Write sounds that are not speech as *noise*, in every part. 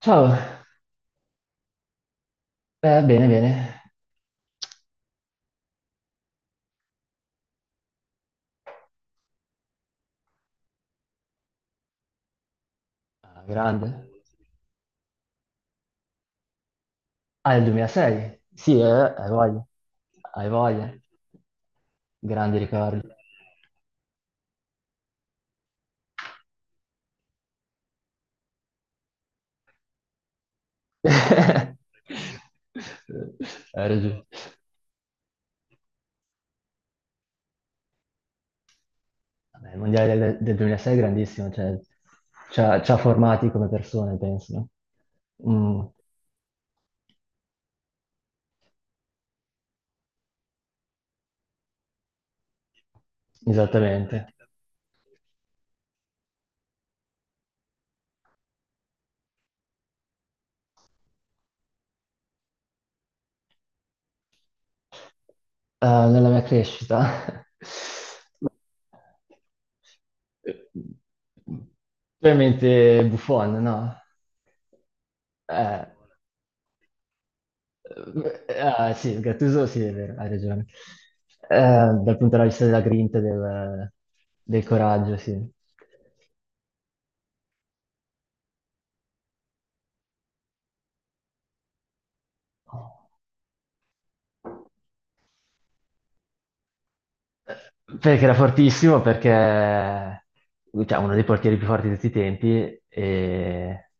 Ciao. Bene, bene. Ah, grande. Ah, è il 2006? Sì, hai voglia, hai voglia. Grandi ricordi. *laughs* Hai ragione. Vabbè, il mondiale del 2006 è grandissimo, cioè, ci ha formati come persone, penso. No? Mm, esattamente. Nella mia crescita. *laughs* Tu hai in mente Buffon, no? Eh, Ah, sì, Gattuso, sì, è vero, hai ragione. Eh, Dal punto di vista della grinta, e del coraggio, sì. Perché era fortissimo, perché cioè uno dei portieri più forti di tutti i tempi, e,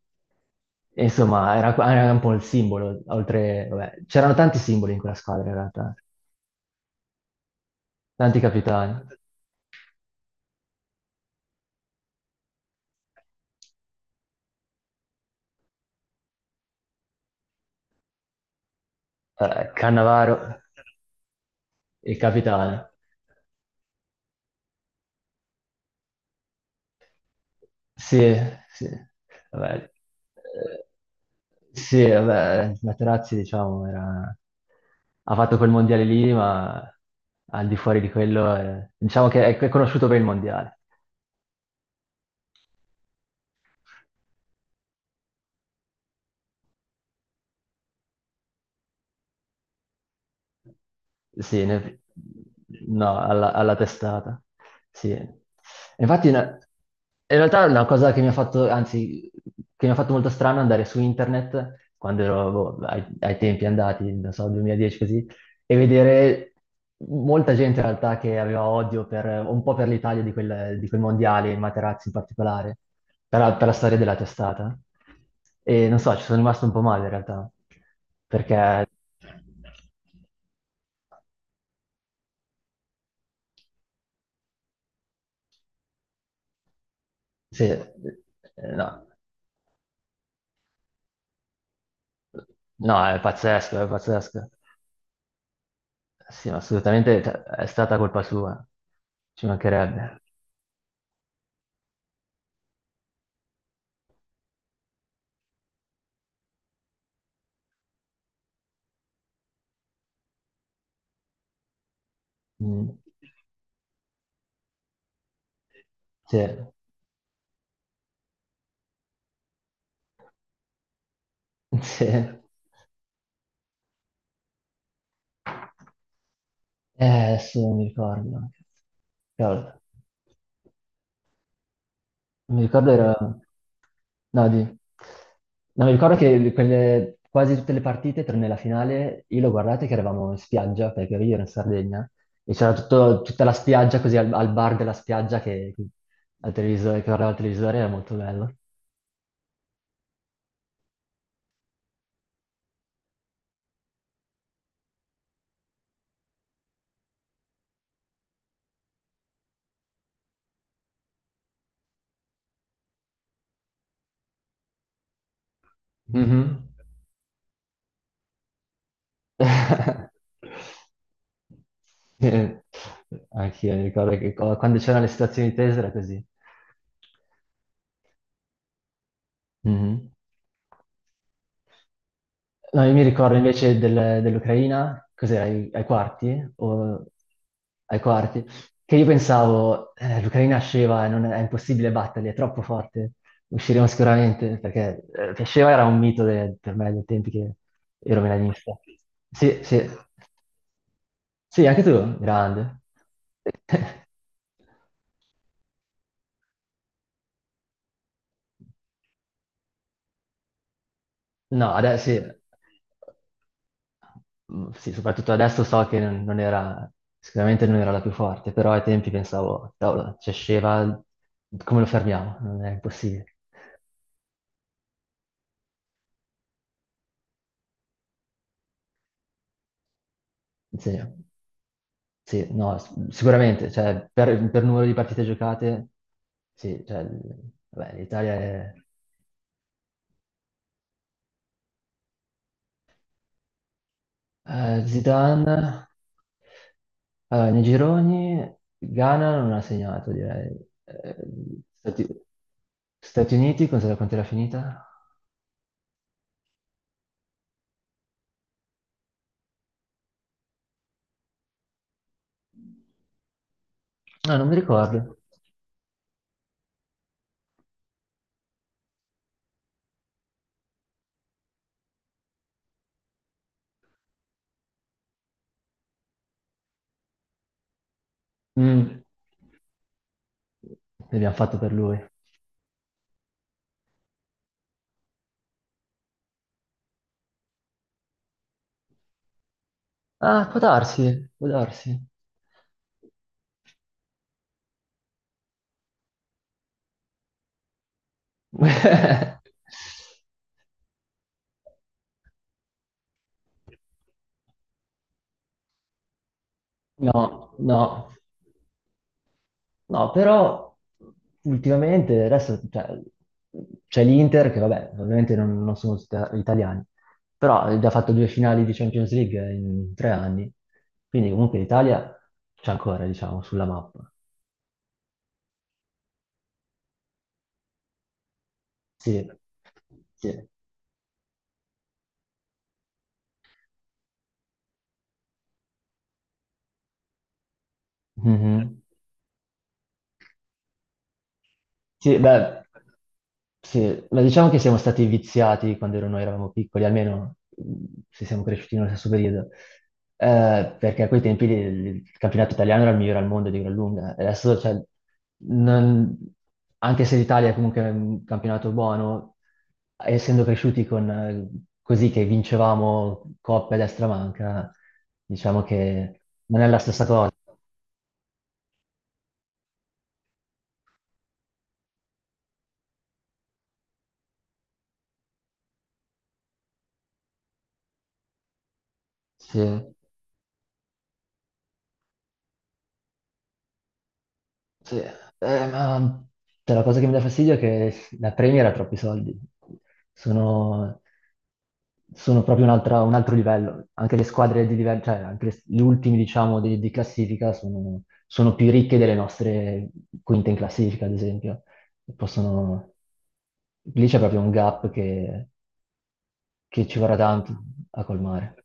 e insomma, era un po' il simbolo, oltre, vabbè, c'erano tanti simboli in quella squadra, in realtà, tanti capitani. Cannavaro, il capitano. Sì, sì, vabbè, eh, sì, vabbè, Materazzi, diciamo, ha fatto quel mondiale lì, ma al di fuori di quello, diciamo che è conosciuto per il mondiale. Sì, no, alla testata. Sì. E infatti, in realtà è una cosa che mi ha fatto, anzi, che mi ha fatto molto strano andare su internet quando ero boh, ai tempi andati, non so, 2010 così, e vedere molta gente in realtà che aveva odio un po' per l'Italia di quel mondiale, Materazzi in particolare, per la storia della testata. E non so, ci sono rimasto un po' male in realtà, perché. Sì, no, no, è pazzesco, è pazzesco. Sì, ma assolutamente è stata colpa sua, ci mancherebbe. Mm, sì, *laughs* sì. Adesso non mi ricordo. Cavolo. Mi ricordo era. No, no, mi ricordo che quasi tutte le partite, tranne la finale, io l'ho guardate che eravamo in spiaggia, perché io ero in Sardegna, e c'era tutta la spiaggia, così al bar della spiaggia al televisore, che guardava il televisore, era molto bello. Mhm. *laughs* Eh, Anch'io mi ricordo che quando c'erano le situazioni tese era così. Mhm. No, io mi ricordo invece dell'Ucraina, cos'era, ai quarti? Ai quarti, che io pensavo, l'Ucraina sceva, non è, è impossibile batterli, è troppo forte, usciremo sicuramente, perché che sceva era un mito per me dei tempi che ero milanista. Sì, sì. Sì, anche tu, grande. *laughs* No, adesso sì. Mm, sì, soprattutto adesso so che non era, sicuramente non era la più forte, però ai tempi pensavo, cavolo, c'è Sheva, come lo fermiamo? Non è impossibile. Sì, sì, no, sicuramente, cioè, per numero di partite giocate, sì, cioè, vabbè, l'Italia è. Zidane, allora, nei gironi Ghana non ha segnato, direi. Eh, Stati, Stati Uniti, cosa, quanto era finita? No, non mi ricordo. Mm, L'abbiamo fatto per lui. Ah, può darsi, può darsi. *laughs* No, no. No, però ultimamente adesso cioè, c'è l'Inter che vabbè, ovviamente non sono italiani, però ha già fatto due finali di Champions League in 3 anni, quindi comunque l'Italia c'è ancora, diciamo, sulla mappa. Sì, sì. Mhm. Sì, beh, sì, ma diciamo che siamo stati viziati quando noi eravamo piccoli, almeno se siamo cresciuti nello stesso periodo, perché a quei tempi il campionato italiano era il migliore al mondo di gran lunga. E adesso, cioè, non- anche se l'Italia è comunque un campionato buono, essendo cresciuti con, così che vincevamo coppe a destra e manca, diciamo che non è la stessa cosa. Sì. Sì, ma cioè, la cosa che mi dà fastidio è che la Premier ha troppi soldi. Sono, sono proprio un altro livello. Anche le squadre di livello, cioè anche gli ultimi, diciamo, di classifica sono più ricche delle nostre quinte in classifica, ad esempio. E possono. Lì c'è proprio un gap che ci vorrà tanto a colmare.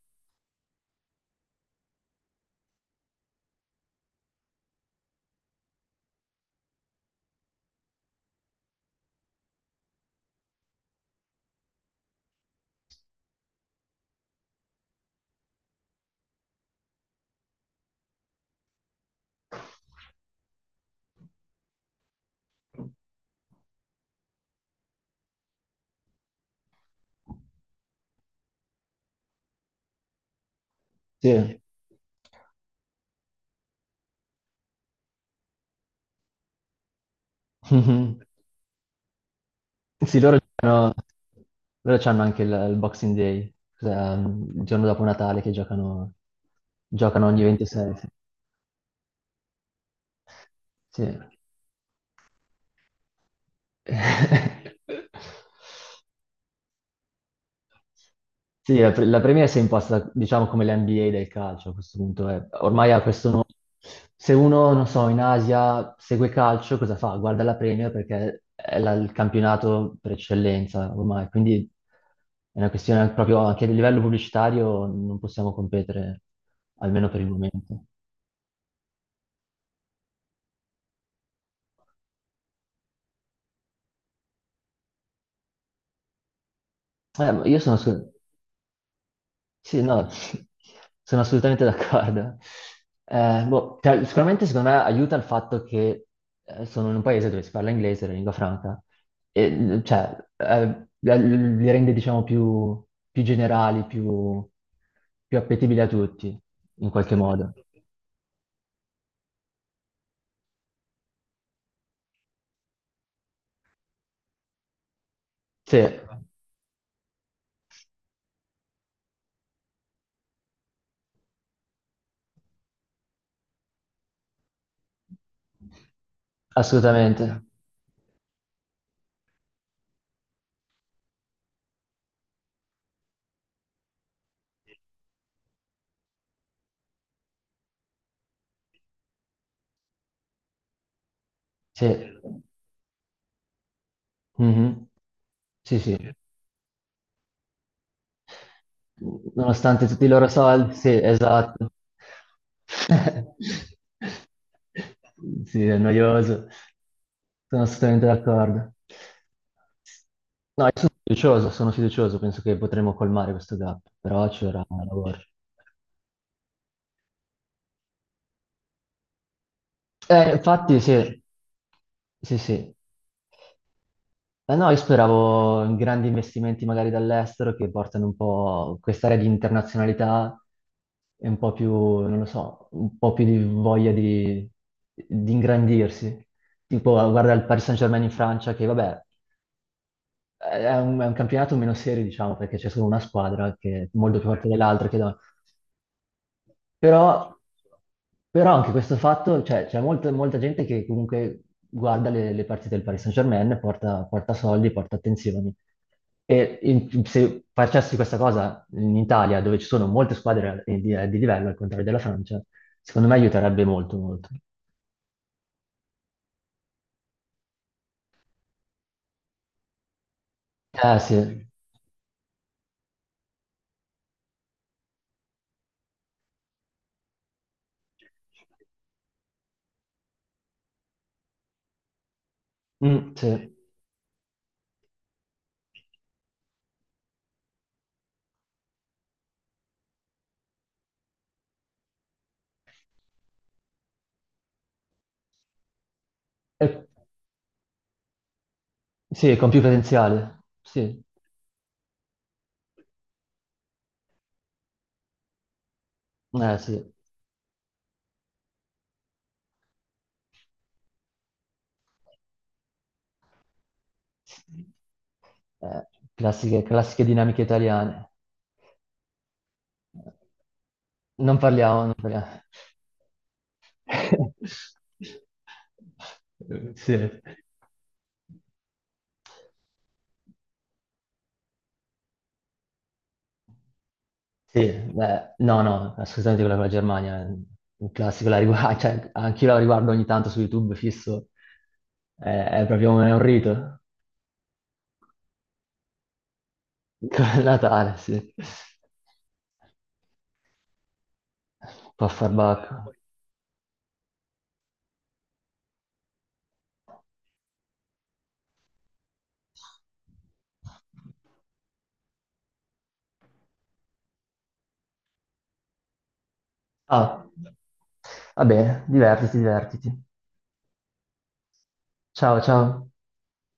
Sì. *laughs* Sì, loro giocano, loro c'hanno anche il Boxing Day, cioè, il giorno dopo Natale che giocano ogni 26. Sì. Sì. *laughs* Sì, la Premier si è impostata, diciamo, come l'NBA del calcio a questo punto. È. Ormai ha questo nome. Se uno, non so, in Asia segue calcio, cosa fa? Guarda la Premier perché è il campionato per eccellenza ormai. Quindi è una questione proprio anche a livello pubblicitario non possiamo competere, almeno per il momento. Ma io sono. Sì, no, *laughs* sono assolutamente d'accordo. Boh, sicuramente secondo me aiuta il fatto che sono in un paese dove si parla inglese, la lingua franca, e cioè li rende diciamo più generali, più appetibili a tutti, in qualche modo. Sì, assolutamente. Sì. Mhm. Sì, sì. Nonostante tutti i loro soldi, sì, esatto. *laughs* Sì, è noioso. Sono assolutamente d'accordo. No, io sono fiducioso, penso che potremo colmare questo gap, però ci vorrà lavoro. Infatti, sì, sì, sì. Eh no, io speravo in grandi investimenti magari dall'estero che portano un po' quest'area di internazionalità e un po' più, non lo so, un po' più di voglia di ingrandirsi. Tipo, guarda il Paris Saint-Germain in Francia, che vabbè, è un campionato meno serio, diciamo, perché c'è solo una squadra che è molto più forte dell'altra, che però, però anche questo fatto, cioè, c'è molta gente che comunque guarda le partite del Paris Saint-Germain, porta, porta soldi, porta attenzioni. E se facessi questa cosa in Italia, dove ci sono molte squadre di livello, al contrario della Francia, secondo me aiuterebbe molto, molto. Eh sì, Mm, sì. E- sì, con più potenziale, sì, eh sì. Eh, classiche dinamiche italiane. Non parliamo, non parliamo. *laughs* Sì, sì, beh, no, no, assolutamente quella con la Germania, è un classico, *laughs* cioè, anch'io la riguardo ogni tanto su YouTube fisso, è, è proprio è un rito, *laughs* come il Natale, sì, puff bacco. Ah, vabbè, divertiti, divertiti. Ciao, ciao.